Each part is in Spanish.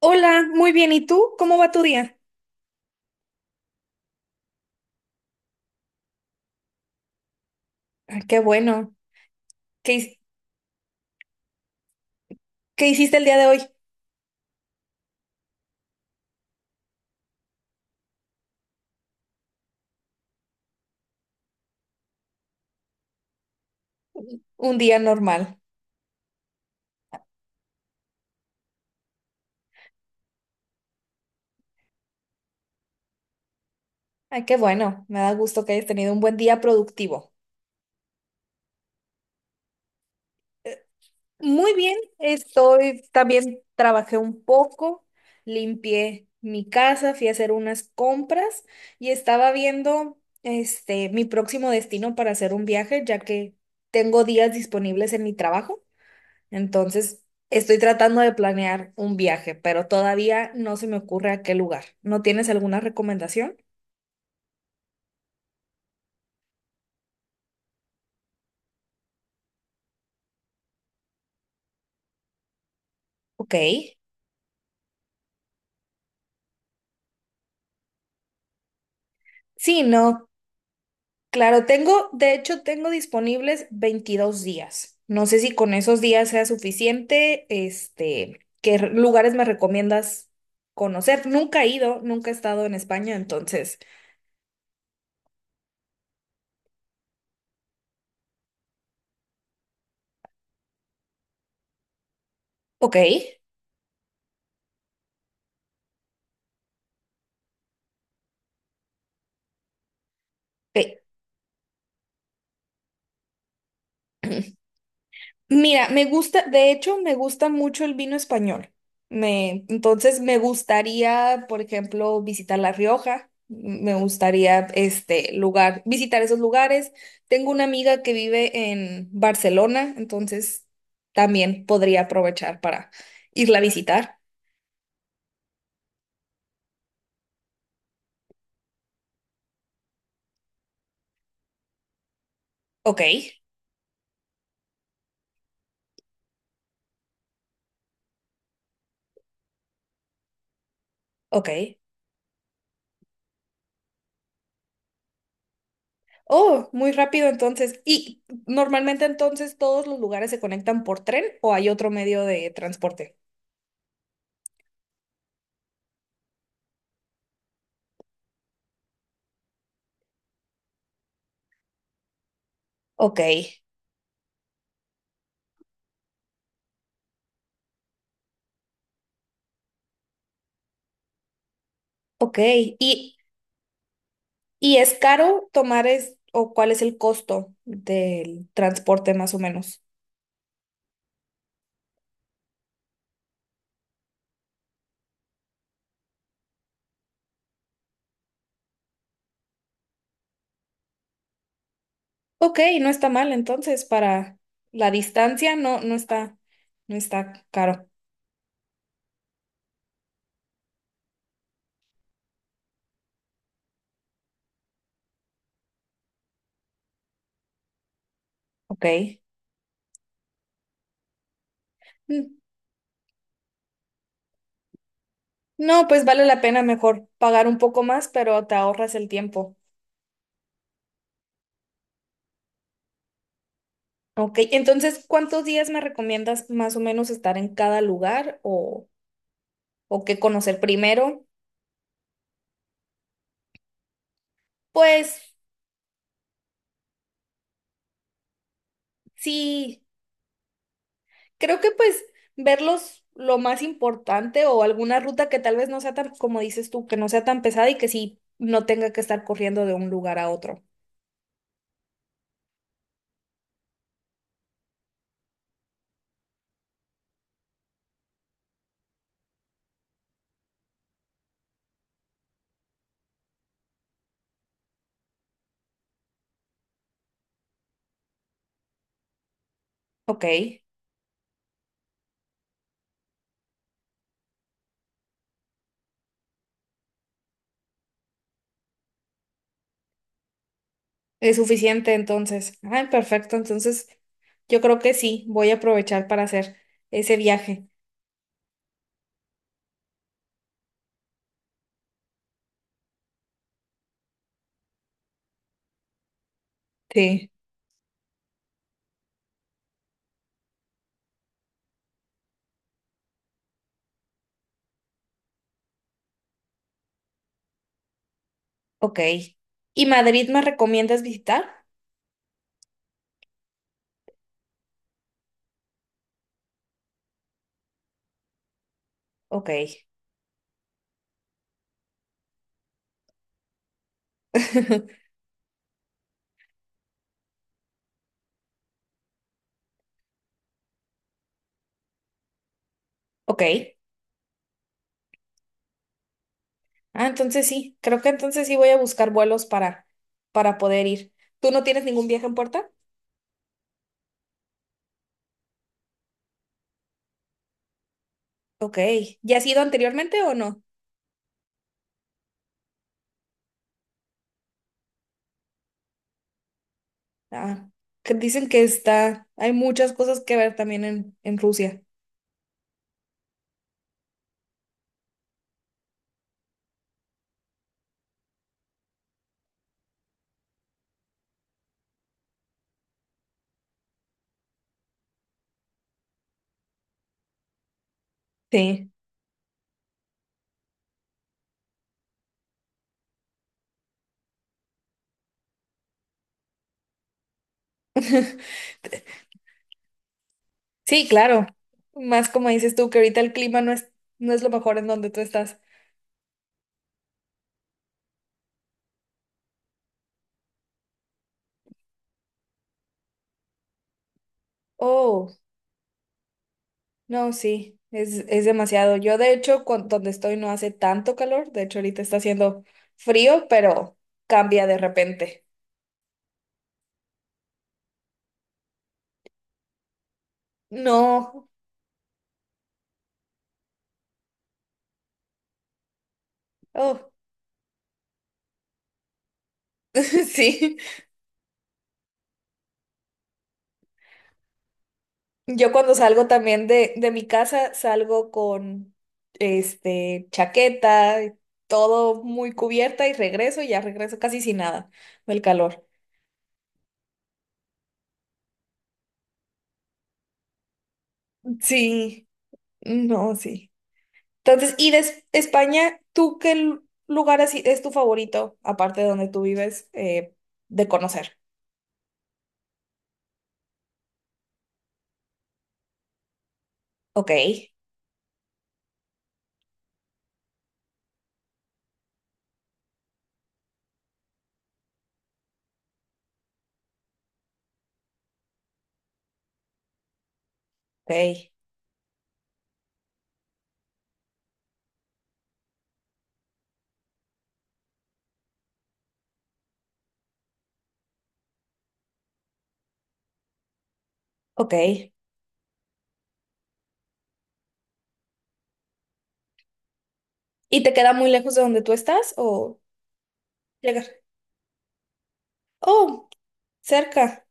Hola, muy bien. ¿Y tú? ¿Cómo va tu día? Ay, qué bueno. ¿Qué, his- Qué hiciste el día de hoy? Un día normal. Ay, qué bueno. Me da gusto que hayas tenido un buen día productivo. Muy bien. Estoy, también trabajé un poco, limpié mi casa, fui a hacer unas compras y estaba viendo este mi próximo destino para hacer un viaje, ya que tengo días disponibles en mi trabajo. Entonces, estoy tratando de planear un viaje, pero todavía no se me ocurre a qué lugar. ¿No tienes alguna recomendación? Ok. Sí, no. Claro, tengo, de hecho, tengo disponibles 22 días. No sé si con esos días sea suficiente. Este, ¿ lugares me recomiendas conocer? Nunca he ido, nunca he estado en España, entonces. Ok. Ok. Mira, me gusta, de hecho, me gusta mucho el vino español. Me, entonces me gustaría, por ejemplo, visitar La Rioja. Me gustaría este lugar, visitar esos lugares. Tengo una amiga que vive en Barcelona, entonces también podría aprovechar para irla a visitar. Ok, ok. Oh, muy rápido entonces. ¿Y normalmente entonces todos los lugares se conectan por tren o hay otro medio de transporte? Ok, ok. ¿Y ¿Y es caro tomar es, o cuál es el costo del transporte más o menos? Ok, no está mal entonces para la distancia, no, no está, no está caro. Ok. Mm, no, pues vale la pena mejor pagar un poco más, pero te ahorras el tiempo. Ok, entonces, ¿cuántos días me recomiendas más o menos estar en cada lugar o qué conocer primero? Pues sí. Creo que pues verlos lo más importante o alguna ruta que tal vez no sea tan, como dices tú, que no sea tan pesada y que sí no tenga que estar corriendo de un lugar a otro. Ok, es suficiente entonces. Ay, perfecto. Entonces yo creo que sí, voy a aprovechar para hacer ese viaje. Sí. Ok. ¿Y Madrid me recomiendas visitar? Ok. Ok. Ah, entonces sí, creo que entonces sí voy a buscar vuelos para poder ir. ¿Tú no tienes ningún viaje en puerta? Ok, ¿ya has ido anteriormente o no? Ah, que dicen que está, hay muchas cosas que ver también en Rusia. Sí, sí, claro. Más como dices tú, que ahorita el clima no es, no es lo mejor en donde tú estás. Oh, no, sí, es demasiado. Yo de hecho, donde estoy no hace tanto calor, de hecho ahorita está haciendo frío, pero cambia de repente. No, oh, sí. Yo cuando salgo también de mi casa, salgo con este chaqueta, todo muy cubierta y regreso y ya regreso casi sin nada del calor. Sí, no, sí. Entonces, y de España, ¿tú qué lugar así es tu favorito, aparte de donde tú vives, de conocer? Ok, ok, ok. ¿Y te queda muy lejos de donde tú estás o llegar? Oh, cerca,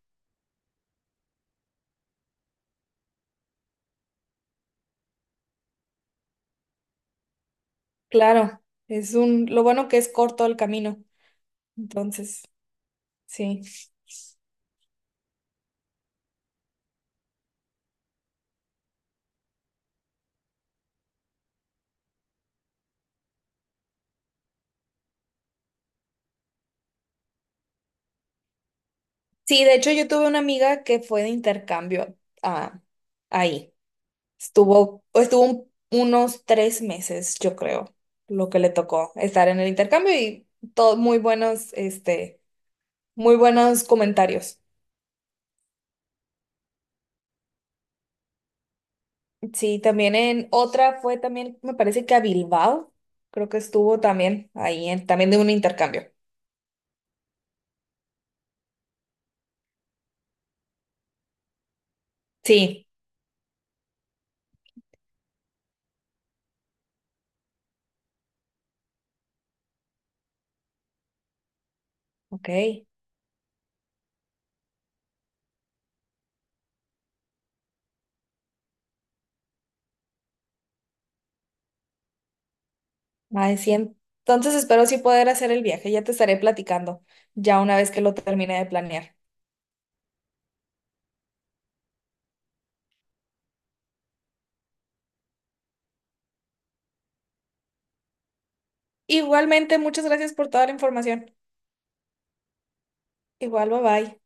claro. Es un, lo bueno que es corto el camino. Entonces, sí. Sí, de hecho yo tuve una amiga que fue de intercambio a, ahí. Estuvo, estuvo unos 3 meses, yo creo, lo que le tocó estar en el intercambio y todo muy buenos, este, muy buenos comentarios. Sí, también en otra fue también, me parece que a Bilbao, creo que estuvo también ahí, también de un intercambio. Sí, ok. Ay, sí. Entonces espero sí poder hacer el viaje. Ya te estaré platicando, ya una vez que lo termine de planear. Igualmente, muchas gracias por toda la información. Igual, bye bye.